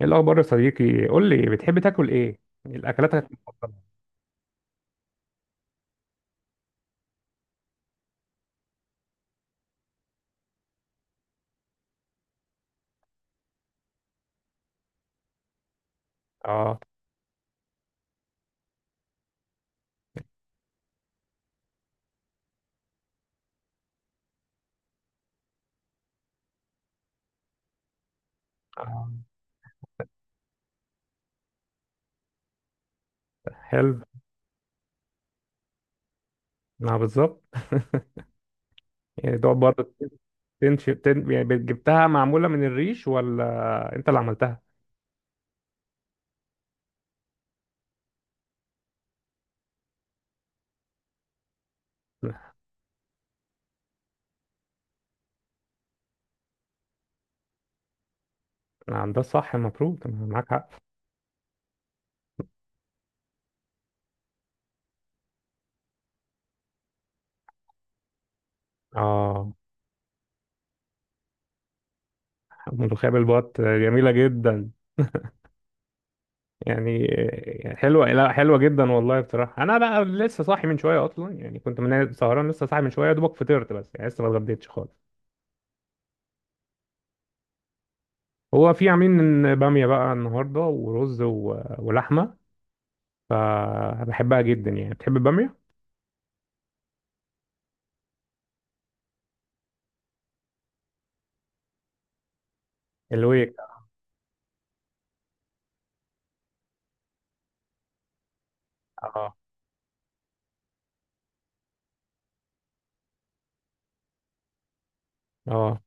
ايه الاخبار يا صديقي؟ قول لي، بتحب تاكل ايه؟ الاكلاتك المفضله؟ اه. آه. حلو. ما بالظبط، يعني دوت برضه. يعني جبتها معموله من الريش ولا انت اللي عملتها؟ نعم، ده الصح المفروض، أنا معاك حق. اه. ملوخيه بالبط جميله جدا. يعني يعني حلوه، لا حلوه جدا والله. بصراحه انا بقى لسه صاحي من شويه اصلا، يعني كنت من سهران، لسه صاحي من شويه، يا دوبك فطرت، بس يعني لسه ما اتغديتش خالص. هو في عاملين باميه بقى النهارده ورز ولحمه، فبحبها جدا. يعني بتحب البامية؟ الويك. اه. اه،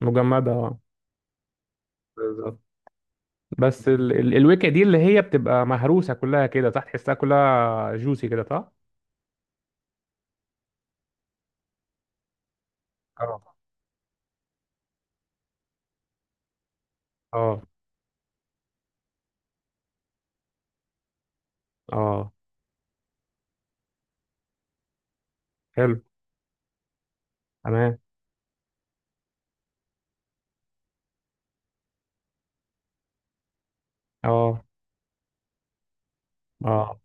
مجمدة، اه. بالظبط. بس الويكة دي، اللي هي بتبقى مهروسة كلها كده، صح؟ تحسها كلها جوسي كده، صح؟ اه. اه. اه. حلو. تمام. اه. اه.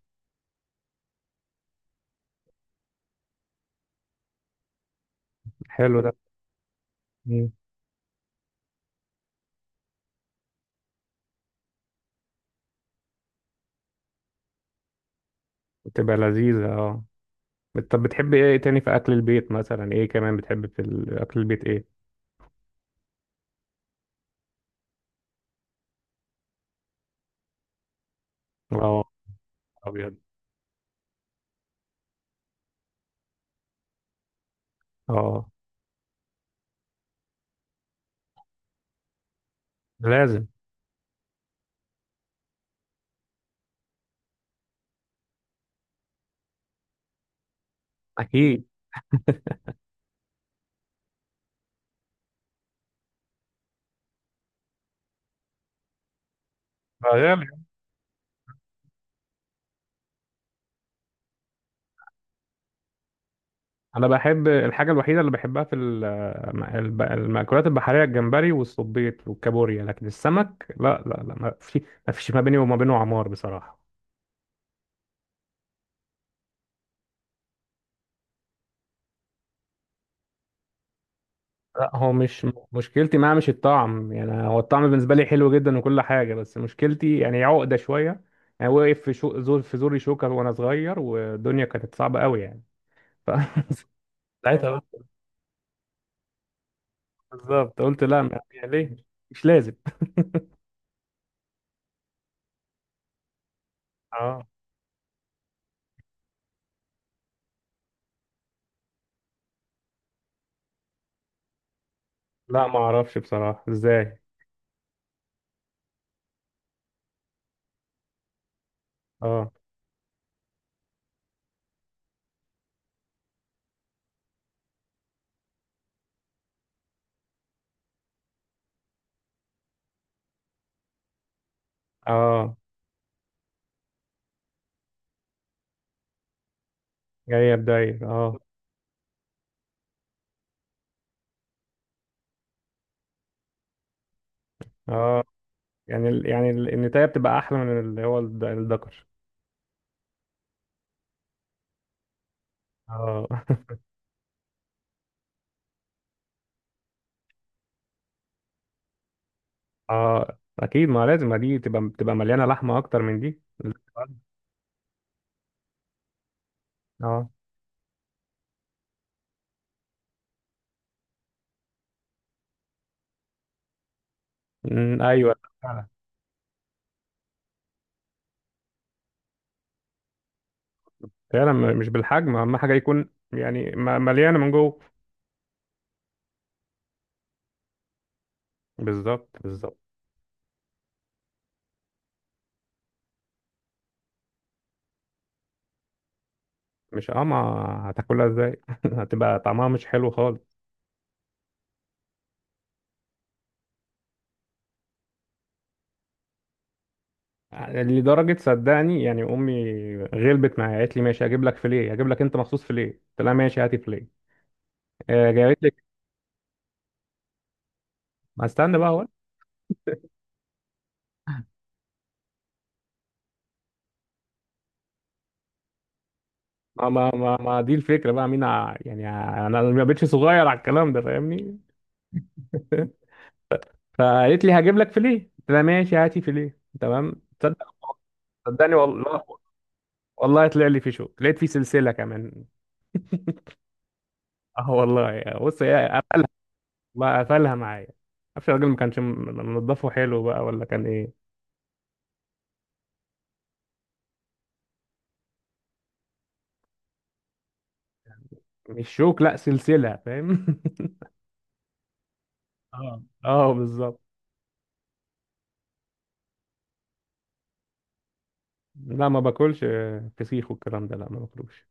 حلو ده. مم. بتبقى لذيذة، اه. طب بتحب ايه تاني في اكل البيت؟ مثلا ايه كمان بتحب في اكل البيت؟ ايه؟ اه. ابيض. اه. لازم. اكيد. غالي. انا بحب الحاجه الوحيده اللي بحبها في المأكولات البحريه: الجمبري والصبيط والكابوريا. لكن السمك لا لا لا، ما في، ما فيش ما بيني وما بينه عمار بصراحه. لا، هو مش مشكلتي معاه مش الطعم، يعني هو الطعم بالنسبه لي حلو جدا وكل حاجه، بس مشكلتي يعني عقده شويه. يعني وقف في شو زور في زوري شوكر وانا صغير، والدنيا كانت صعبه قوي يعني. ف- ساعتها قلت. بالظبط، قلت لا يعني ليه؟ مش لازم. اه. لا، ما اعرفش بصراحه ازاي. اه. اه، جاية بداير، اه. اه. يعني النتاية بتبقى أحلى من اللي هو الدكر. اه. اه أكيد، ما لازم ما دي تبقى بتبقى مليانة لحمة أكتر من دي. اه. أيوه، فعلا. فعلا، مش بالحجم، أهم حاجة يكون يعني مليانة من جوه. بالظبط بالظبط. مش اه ما، هتاكلها ازاي؟ هتبقى طعمها مش حلو خالص. لدرجة صدقني يعني أمي غلبت معايا، قالت لي ماشي هجيب لك فيليه، هجيب لك أنت مخصوص فيليه. قلت لها ماشي هاتي فيليه. آه، جابت لي. ما استنى بقى. ما دي الفكره بقى، مين انا ما بقتش صغير على الكلام ده، فاهمني؟ فقالت لي هجيب لك فيليه، قلت لها ماشي هاتي فيليه، تمام. تصدق؟ صدقني والله، والله طلع لي في شوك، لقيت فيه سلسله كمان. اه والله، بص هي قفلها بقى، قفلها معايا. معرفش الراجل ما كانش منضفه حلو بقى، ولا كان ايه. مش شوك لا، سلسله، فاهم؟ اه اه بالظبط. لا ما باكلش فسيخ والكلام ده، لا ما باكلوش.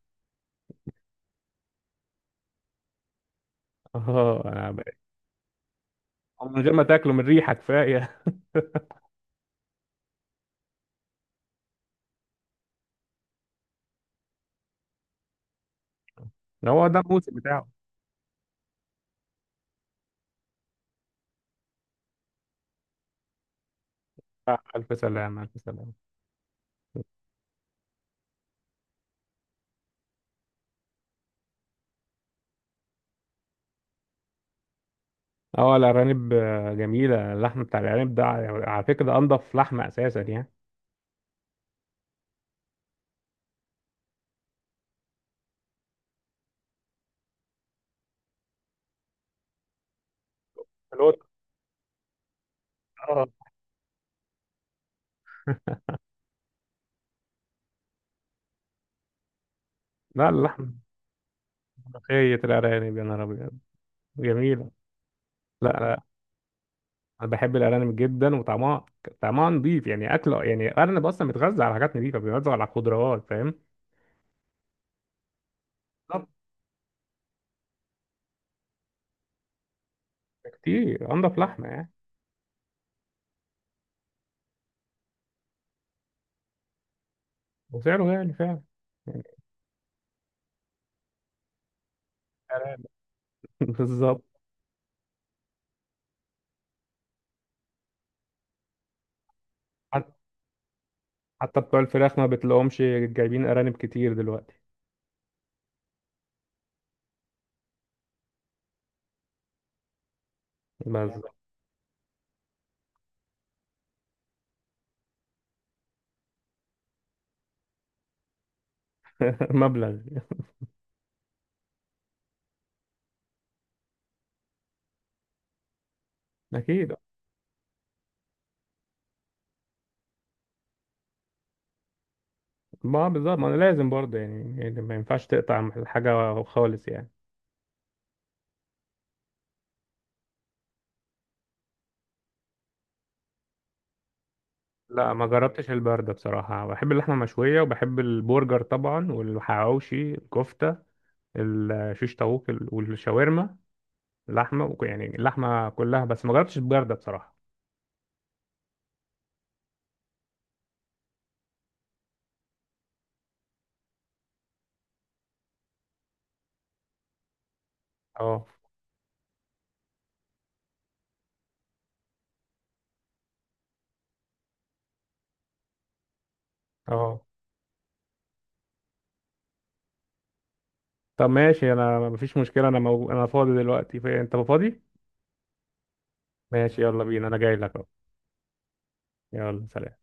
اه انا من غير ما تاكله، من ريحه كفايه. هو ده الموسم بتاعه. آه، ألف سلامة ألف سلامة. اه الأرانب جميلة، اللحم بتاع الأرانب ده، على على فكرة، ده أنضف لحمة أساسا يعني. القط. اه لا، اللحم. ملوخية الأرانب، يا نهار أبيض! جميلة. لا لا، أنا بحب الأرانب جدا، وطعمها، طعمها نضيف يعني. أكل، يعني الأرنب أصلا بيتغذى على حاجات نضيفة، بيتغذى على خضروات، فاهم. بالظبط. كتير، أنضف لحمة يعني. وسعره غالي فعلا. يعني أرانب بالظبط. حت- حتى بتوع الفراخ ما بتلاقوهمش، جايبين أرانب كتير دلوقتي. بس مبلغ. اكيد. ما بالظبط، ما انا لازم برضه، يعني يعني ما ينفعش تقطع الحاجه خالص يعني. لا ما جربتش البرده بصراحه. بحب اللحمه المشويه وبحب البرجر طبعا، والحواوشي، الكفته، الشيش طاووق والشاورما. اللحمه يعني اللحمه كلها، بس ما جربتش البرده بصراحه. اه. اه. طب ماشي، انا ما فيش مشكله، انا انا فاضي دلوقتي. انت فاضي؟ ماشي يلا بينا، انا جاي لك اهو. يلا، سلام.